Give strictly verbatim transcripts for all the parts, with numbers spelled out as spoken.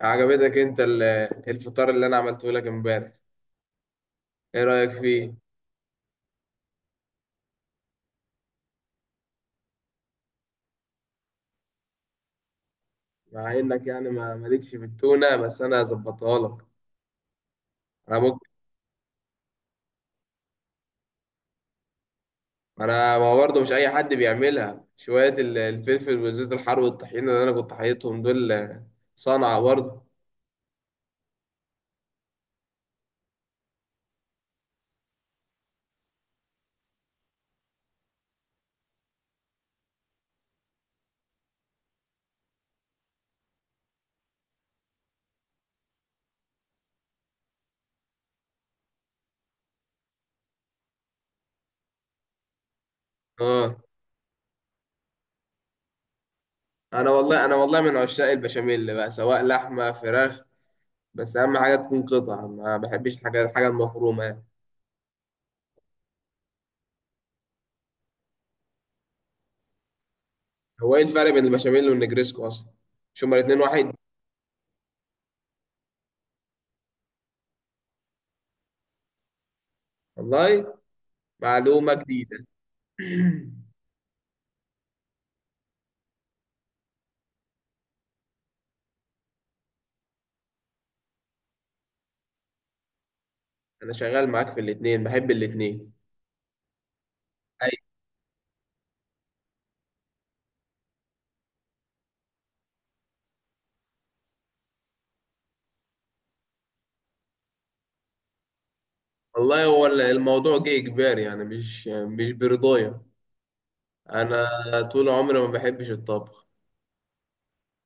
عجبتك انت ال- الفطار اللي انا عملته لك امبارح. ايه رأيك فيه؟ مع انك يعني ما مالكش في التونة، بس انا ظبطها لك. انا ممكن. انا ما هو برضه مش اي حد بيعملها. شوية ال- الفلفل والزيت الحار والطحينة اللي انا كنت حاططهم دول، آه، صنعة برضه. اه. انا والله انا والله من عشاق البشاميل بقى، سواء لحمة، فراخ، بس اهم حاجة تكون قطع. ما بحبش حاجة الحاجة المفرومة يعني. هو ايه الفرق بين البشاميل والنجريسكو اصلا؟ مش هما الاتنين واحد؟ والله، معلومة جديدة. انا شغال معاك في الاتنين، بحب الاتنين. اي. والله، هو ال- الموضوع جه اجباري يعني، مش مش برضايا. انا طول عمري ما بحبش الطبخ.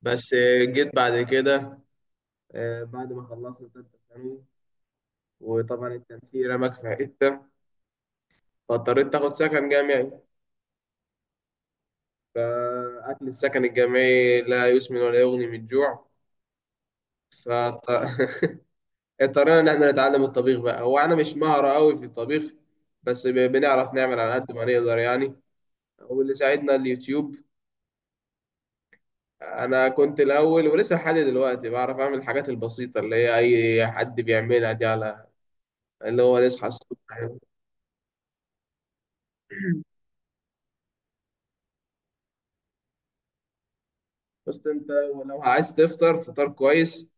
بس جيت بعد كده، آه، بعد ما خلصت تالتة ثانوي وطبعا التنسيق رماك في حتة، فاضطريت تاخد سكن جامعي. فأكل السكن الجامعي لا يسمن ولا يغني من الجوع. فاضطرينا إن احنا نتعلم الطبيخ بقى. هو أنا مش مهرة أوي في الطبيخ، بس ب- بنعرف نعمل على قد ما نقدر يعني. واللي ساعدنا اليوتيوب. انا كنت الاول ولسه لحد دلوقتي بعرف اعمل الحاجات البسيطه، اللي هي اي حد بيعملها دي، على اللي هو نصحى الصبح. بس انت لو عايز تفطر فطار كويس،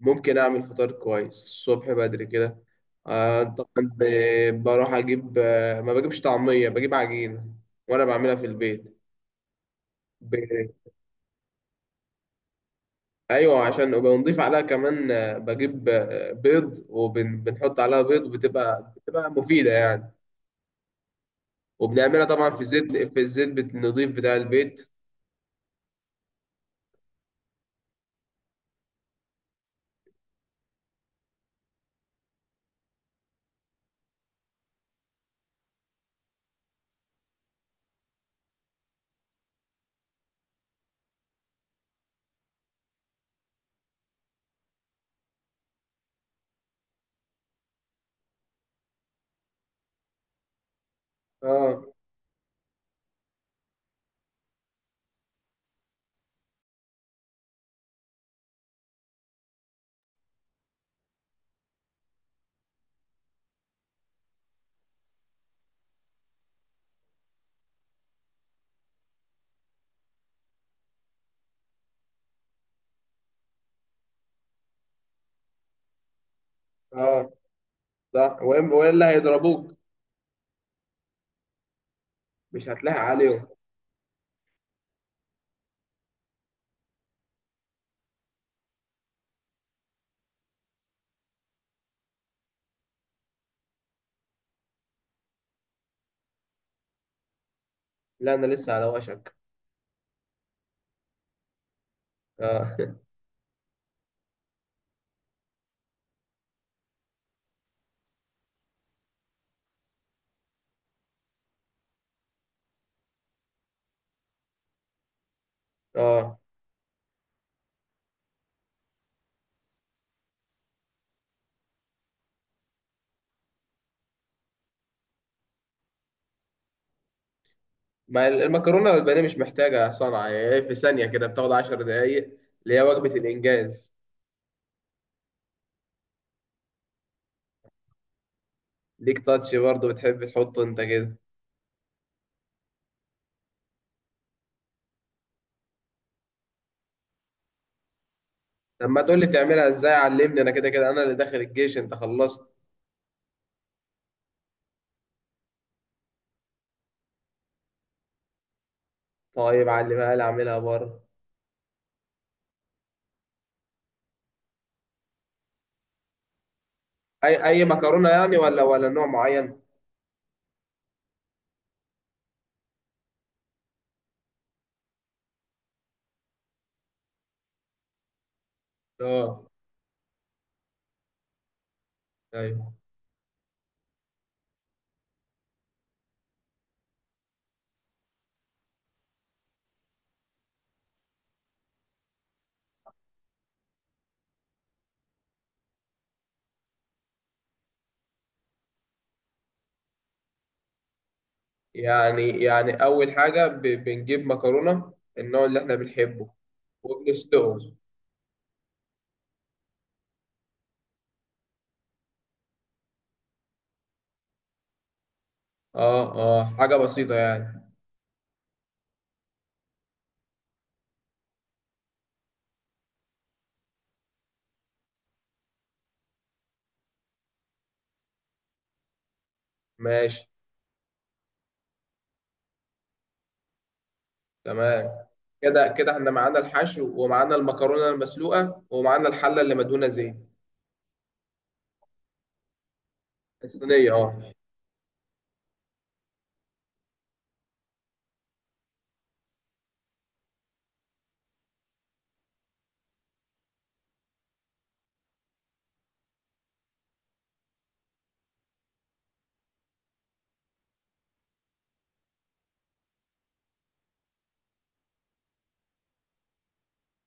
ممكن اعمل فطار كويس الصبح بدري كده. آه، طبعا ب- بروح اجيب، آه، ما بجيبش طعميه، بجيب عجينه وانا بعملها في البيت. ب- ايوه، عشان وبنضيف عليها كمان، آه، بجيب آه، بيض، وبنحط عليها بيض، وبتبقى بتبقى مفيده يعني. وبنعملها طبعا في الزيت في الزيت النظيف بتاع البيت. اه، اه، صح. وإم- والا هيضربوك. مش هتلاقي عليهم. لا، انا لسه على وشك. اه. اه. ما المكرونه والبانيه مش محتاجه صنعه. هي إيه، في ثانيه كده، بتاخد عشر دقايق، اللي هي وجبه الانجاز. ليك تاتش برضه، بتحب تحطه انت كده. لما تقول لي بتعملها ازاي، علمني. انا كده كده انا اللي داخل الجيش، انت خلصت. طيب علمها لي، اعملها بره. اي اي مكرونه يعني، ولا ولا نوع معين؟ اه. ايوه. يعني يعني أول حاجة، ب- بنجيب مكرونة النوع اللي إحنا بنحبه، وبنسلقه. آه، آه، حاجة بسيطة يعني. ماشي. تمام. كده كده إحنا معانا الحشو، ومعانا المكرونة المسلوقة، ومعانا الحلة اللي مدهونة زيت. الصينية، آه.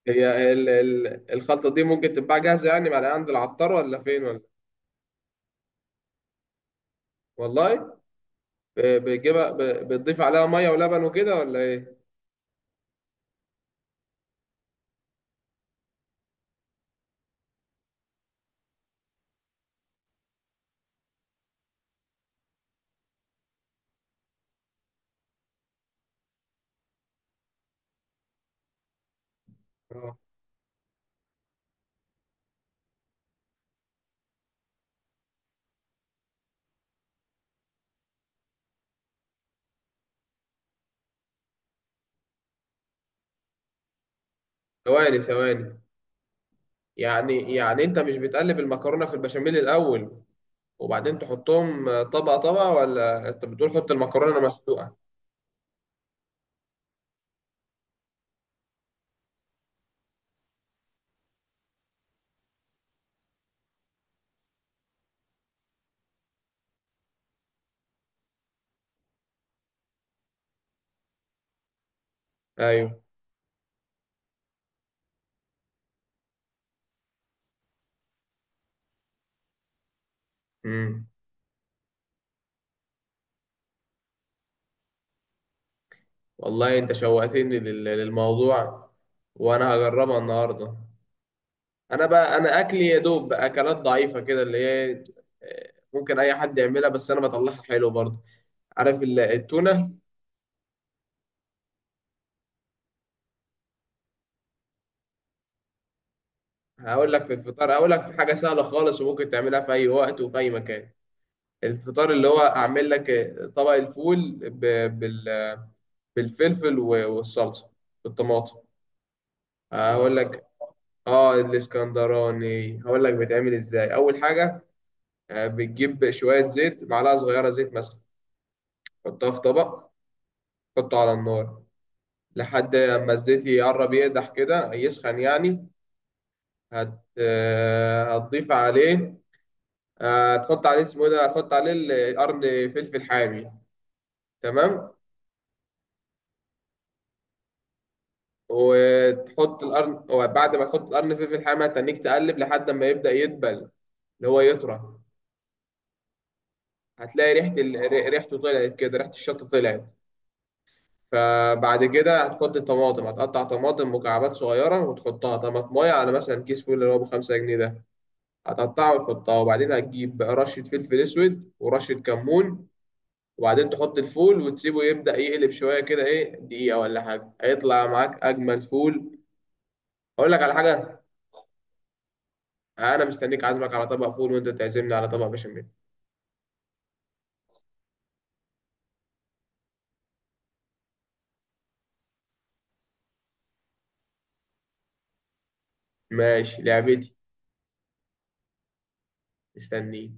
هي ال ال الخلطة دي ممكن تتباع جاهزة يعني؟ معلقة عند العطار ولا فين ولا؟ والله. ب- بتجيبها، ب- بتضيف عليها مية ولبن وكده ولا إيه؟ آه. ثواني، ثواني. يعني يعني أنت مش بتقلب المكرونة في البشاميل الأول وبعدين تحطهم، آه، طبقة طبقة، ولا انت بتقول حط المكرونة مسلوقة؟ ايوه. امم. والله، انت شوقتني لل- للموضوع، وانا هجربها النهارده. انا بقى انا اكلي يا دوب اكلات ضعيفة كده، اللي هي، آه، ممكن اي حد يعملها، بس انا بطلعها حلو برضه. عارف ال- التونة؟ هقول لك في الفطار، هقول لك في حاجة سهلة خالص وممكن تعملها في اي وقت وفي اي مكان. الفطار اللي هو، اعمل لك آه، طبق الفول ب- بال- بالفلفل و- والصلصة بالطماطم. هقول الاسكندر لك. اه، الاسكندراني. هقول لك بيتعمل ازاي. اول حاجه، آه، بتجيب شويه زيت، معلقه صغيره زيت مثلا، حطها في طبق، حطه على النار لحد ما الزيت يقرب يقدح كده، يسخن يعني. هت آه، هتضيف عليه، آه، هتحط عليه، اسمه إيه ده، هتحط عليه ال- قرن فلفل حامي. تمام. وتحط القرن، وبعد ما تحط القرن فلفل حامي، هتنيك تقلب لحد ما يبدأ يدبل، اللي هو يطرى. هتلاقي ريحة ال... ريحته طلعت كده، ريحة الشطة طلعت. فبعد كده هتحط الطماطم، هتقطع طماطم مكعبات صغيرة وتحطها طماطماية، على مثلا كيس فول اللي هو بخمسة جنيه ده، هتقطعه وتحطها. وبعدين هتجيب بقى رشة فلفل أسود ورشة كمون، وبعدين تحط الفول وتسيبه يبدأ يقلب شوية كده، إيه، دقيقة ولا حاجة، هيطلع معاك أجمل فول. أقول لك على حاجة، أنا مستنيك، عازمك على طبق فول وأنت تعزمني على طبق بشاميل. ماشي، لعبتي. مستنيك.